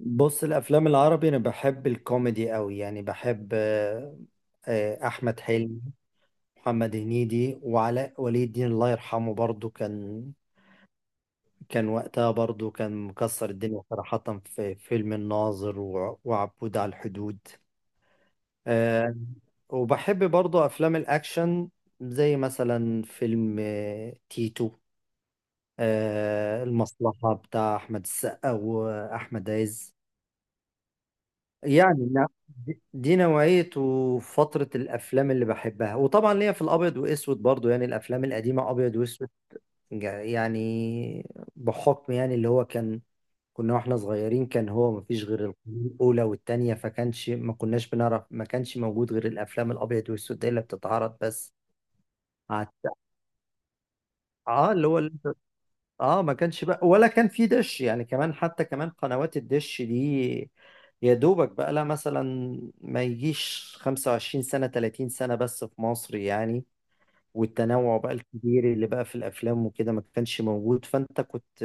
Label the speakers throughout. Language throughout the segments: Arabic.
Speaker 1: بص، الافلام العربي انا بحب الكوميدي قوي، يعني بحب احمد حلمي، محمد هنيدي، وعلاء ولي الدين الله يرحمه. برضو كان وقتها برضو كان مكسر الدنيا صراحة في فيلم الناظر وعبود على الحدود. آه، وبحب برضو افلام الاكشن زي مثلا فيلم تيتو، المصلحة بتاع احمد السقا واحمد عز. يعني نعم. دي نوعية وفترة الأفلام اللي بحبها، وطبعا ليا في الأبيض وأسود برضو، يعني الأفلام القديمة أبيض وأسود. يعني بحكم يعني اللي هو كان، كنا واحنا صغيرين كان هو مفيش غير القناة الأولى والتانية، فكانش ما كناش بنعرف، ما كانش موجود غير الأفلام الأبيض وأسود دي اللي بتتعرض بس. على اه اللي هو اه ما كانش بقى ولا كان في دش، يعني كمان حتى كمان قنوات الدش دي يا دوبك بقى لها مثلا ما يجيش 25 سنة، 30 سنة بس في مصر يعني. والتنوع بقى الكبير اللي بقى في الأفلام وكده ما كانش موجود، فأنت كنت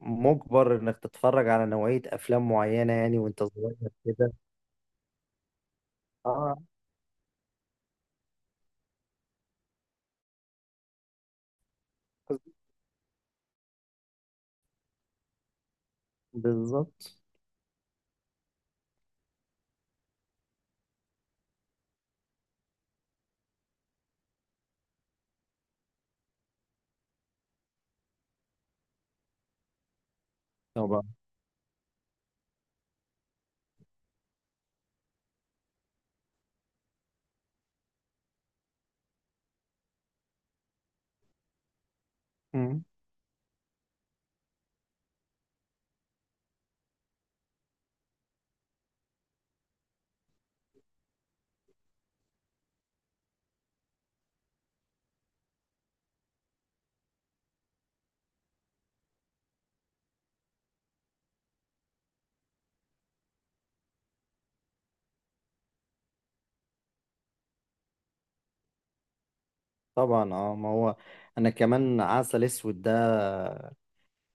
Speaker 1: مجبر إنك تتفرج على نوعية أفلام معينة يعني وأنت صغير. كده. اه. بالظبط. طبعا. مم. طبعا اه ما هو، أنا كمان عسل أسود ده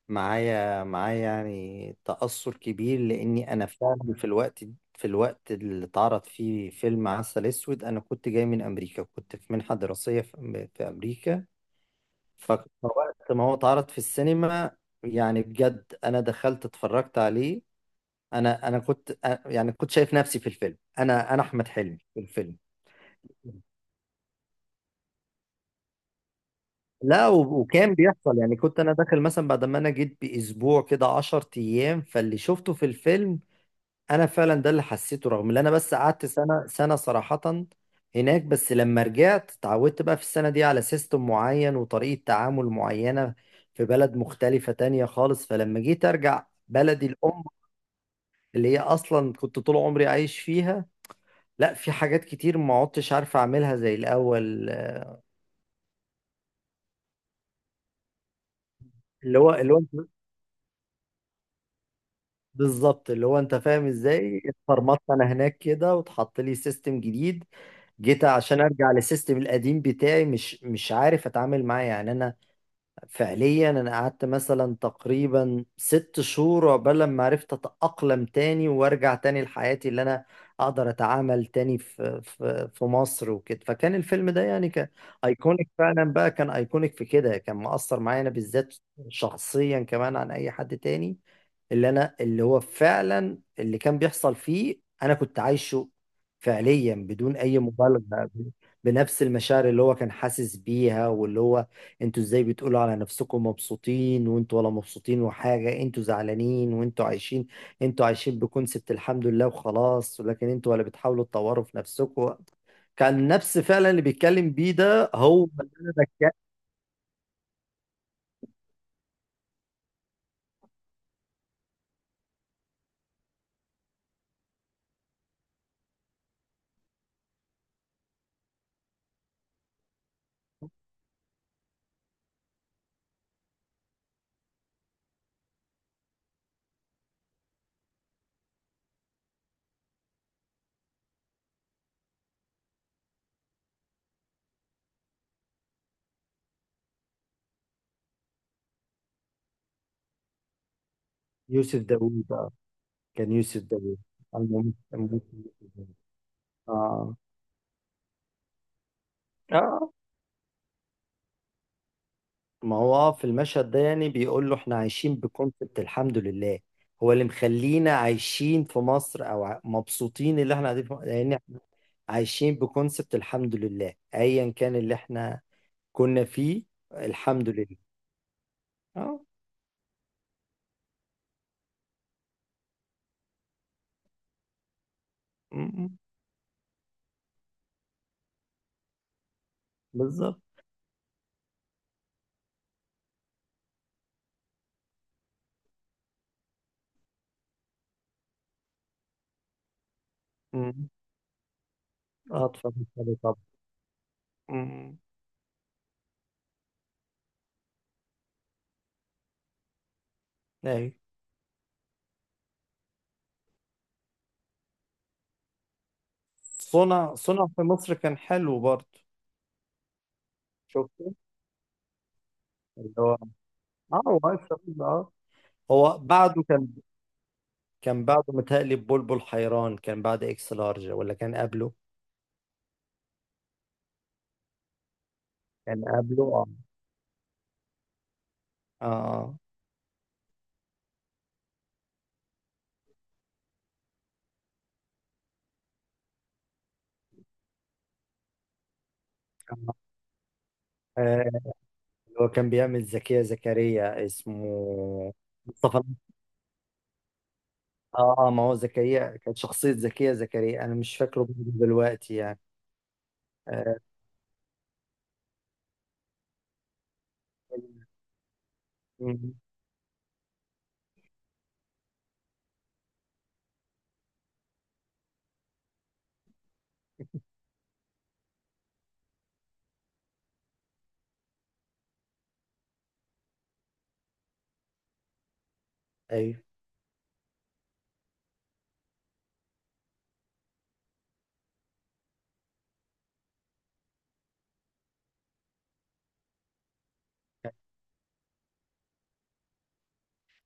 Speaker 1: معايا يعني تأثر كبير، لأني أنا فعلا في الوقت اللي اتعرض فيه فيلم عسل أسود أنا كنت جاي من أمريكا، كنت في منحة دراسية في في أمريكا. فوقت ما هو اتعرض في السينما يعني بجد أنا دخلت اتفرجت عليه. أنا يعني كنت شايف نفسي في الفيلم، أنا أحمد حلمي في الفيلم. لا و- وكان بيحصل يعني، كنت أنا داخل مثلا بعد ما أنا جيت بأسبوع كده، 10 أيام، فاللي شفته في الفيلم انا فعلا ده اللي حسيته، رغم ان انا بس قعدت سنه سنه صراحه هناك. بس لما رجعت اتعودت بقى في السنه دي على سيستم معين وطريقه تعامل معينه في بلد مختلفه تانية خالص، فلما جيت ارجع بلدي الام اللي هي اصلا كنت طول عمري عايش فيها، لا في حاجات كتير ما عدتش عارف اعملها زي الاول. اللي هو انت، بالظبط اللي هو انت فاهم ازاي اتفرمطت انا هناك كده واتحط لي سيستم جديد. جيت عشان ارجع للسيستم القديم بتاعي، مش عارف اتعامل معاه يعني. انا فعليا انا قعدت مثلا تقريبا ست شهور عقبال ما عرفت اتأقلم تاني وارجع تاني لحياتي، اللي انا اقدر اتعامل تاني في مصر وكده. فكان الفيلم ده يعني كان ايكونيك فعلا بقى، كان ايكونيك في كده، كان مؤثر معايا انا بالذات شخصيا كمان عن اي حد تاني. اللي انا، اللي هو فعلا اللي كان بيحصل فيه انا كنت عايشه فعليا بدون اي مبالغة، بنفس المشاعر اللي هو كان حاسس بيها. واللي هو انتوا ازاي بتقولوا على نفسكم مبسوطين وانتوا ولا مبسوطين، وحاجة انتوا زعلانين وانتوا عايشين، انتوا عايشين بكونسبت الحمد لله وخلاص، ولكن انتوا ولا بتحاولوا تطوروا في نفسكم. كان نفس فعلا اللي بيتكلم بيه ده هو اللي انا بتكلم. يوسف داوود آه. كان يوسف داوود، الممثل يوسف داوود. اه. اه. ما هو في المشهد ده يعني بيقول له احنا عايشين بكونسبت الحمد لله، هو اللي مخلينا عايشين في مصر، او مبسوطين اللي احنا قاعدين في مصر، لان احنا عايشين بكونسبت الحمد لله ايا كان اللي احنا كنا فيه، الحمد لله. اه. م. م. بالظبط. م. اه. اتفضل اتفضل طبعا. م- م. ايوه. صنع في مصر كان حلو برضه. شفته. اللي هو اه، هو عايش في مصر، اه. هو بعده كان، كان بعده متهيألي بلبل حيران، كان بعد اكس لارج ولا كان قبله؟ كان قبله اه. اه. آه. آه، هو كان بيعمل زكية زكريا اسمه مصطفى. اه اه ما هو زكريا كانت شخصية زكية زكريا انا مش فاكره برضه دلوقتي يعني. آه. مم. ايوه.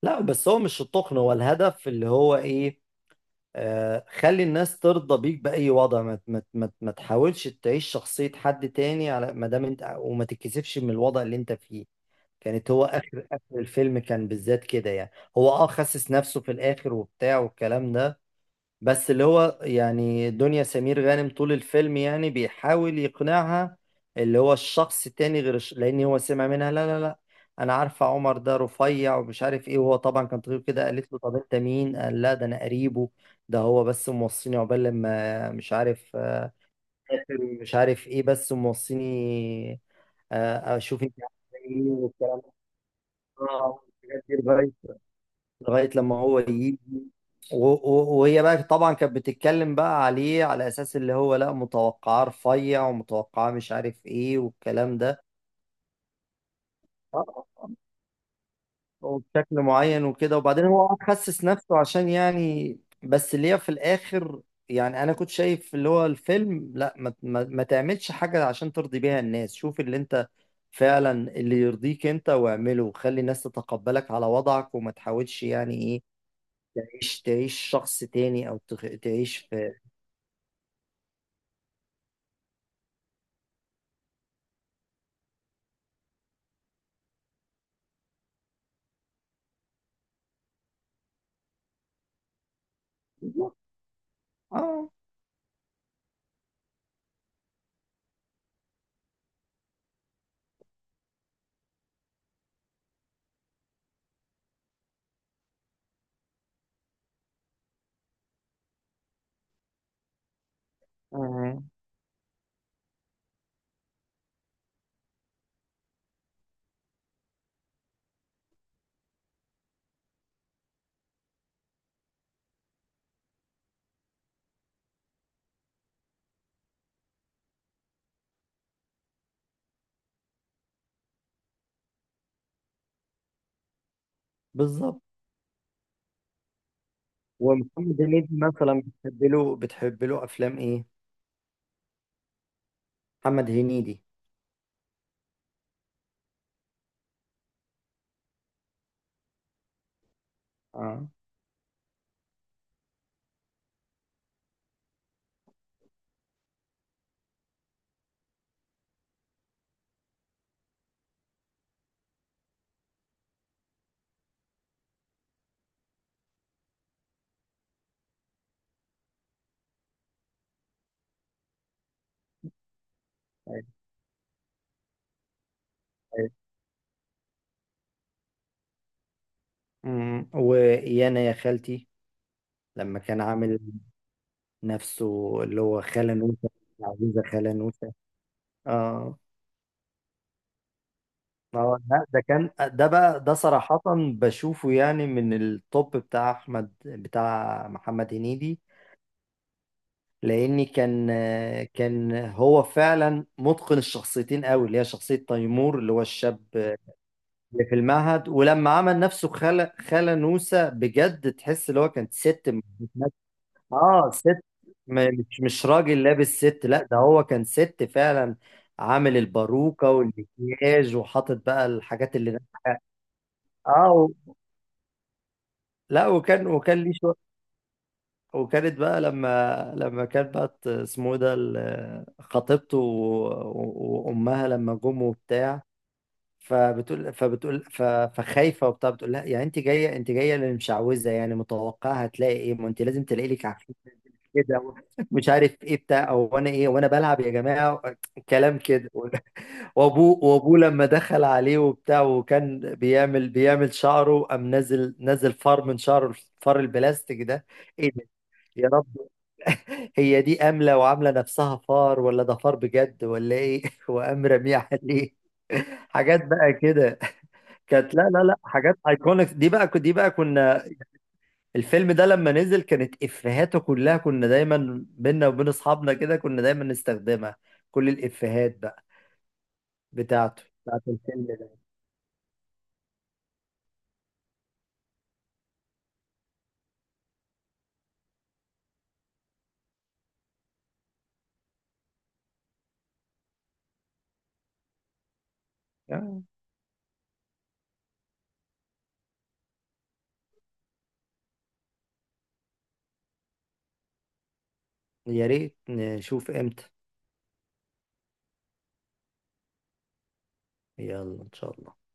Speaker 1: لا بس هو مش التقن، هو الهدف اللي هو ايه. آه خلي الناس ترضى بيك بأي وضع، ما تحاولش تعيش شخصية حد تاني على ما دام انت، وما تتكسفش من الوضع اللي انت فيه. كانت هو اخر اخر الفيلم كان بالذات كده يعني، هو اه خسس نفسه في الاخر وبتاع والكلام ده. بس اللي هو يعني دنيا سمير غانم طول الفيلم يعني بيحاول يقنعها اللي هو الشخص التاني غير الش... لان هو سمع منها لا لا لا انا عارفه عمر ده رفيع ومش عارف ايه، وهو طبعا كان طويل كده، قالت له طب انت مين، قال لا ده انا قريبه، ده هو بس موصيني عقبال لما مش عارف مش عارف ايه بس موصيني، اشوف انت عامله ايه والكلام، الحاجات دي لغاية لما هو يجي. وهي بقى طبعا كانت بتتكلم بقى عليه على أساس اللي هو لا، متوقعاه رفيع ومتوقعاه مش عارف إيه والكلام ده، آه، وبشكل معين وكده. وبعدين هو قعد خسس نفسه عشان يعني، بس اللي هي في الآخر يعني أنا كنت شايف اللي هو الفيلم لا، ما, تعملش حاجة عشان ترضي بيها الناس، شوف اللي أنت فعلا اللي يرضيك أنت واعمله، وخلي الناس تتقبلك على وضعك، وما تحاولش يعني إيه تعيش شخص تاني، او تخ... تعيش في. بالظبط. اه. اه. بالظبط. ومحمد هنيدي مثلا بتحب له افلام ايه؟ محمد هنيدي اه. أيوة. أيوة. أمم. ويانا يا خالتي، لما كان عامل نفسه اللي هو خالة نوسة، عزيزة خالة نوسة. اه. اه. لا ده كان، ده بقى ده صراحة بشوفه يعني من التوب بتاع احمد بتاع محمد هنيدي. لاني كان، كان هو فعلا متقن الشخصيتين قوي، اللي هي شخصيه تيمور اللي هو الشاب اللي في المعهد، ولما عمل نفسه خالة نوسة بجد تحس اللي هو كانت ست مش-. اه ست، مش راجل لابس ست، لا ده هو كان ست فعلا. عامل الباروكه والمكياج وحاطط بقى الحاجات اللي. اه لا وكان ليه. وكانت بقى لما كانت بقى اسمه إيه ده خطيبته وامها لما جم وبتاع. فبتقول فخايفه وبتاع، بتقول لها يعني انت جايه انت جايه للمشعوذه يعني متوقعه هتلاقي ايه، ما انت لازم تلاقي لك عفريت كده مش عارف ايه بتاع، او انا ايه وانا بلعب يا جماعه كلام كده وابوه لما دخل عليه وبتاع وكان بيعمل شعره، قام نزل فار من شعره، الفار البلاستيك ده، ايه ده، يا رب، هي دي أملة وعاملة نفسها فار، ولا ده فار بجد ولا إيه؟ وقام رميه عليه حاجات بقى كده كانت، لا حاجات ايكونيك، دي بقى كنا. الفيلم ده لما نزل كانت إفيهاته كلها كنا دايما بينا وبين أصحابنا كده، كنا دايما نستخدمها، كل الإفيهات بقى بتاعت الفيلم ده. آه، يا ريت نشوف إمتى. يلا إن شاء الله.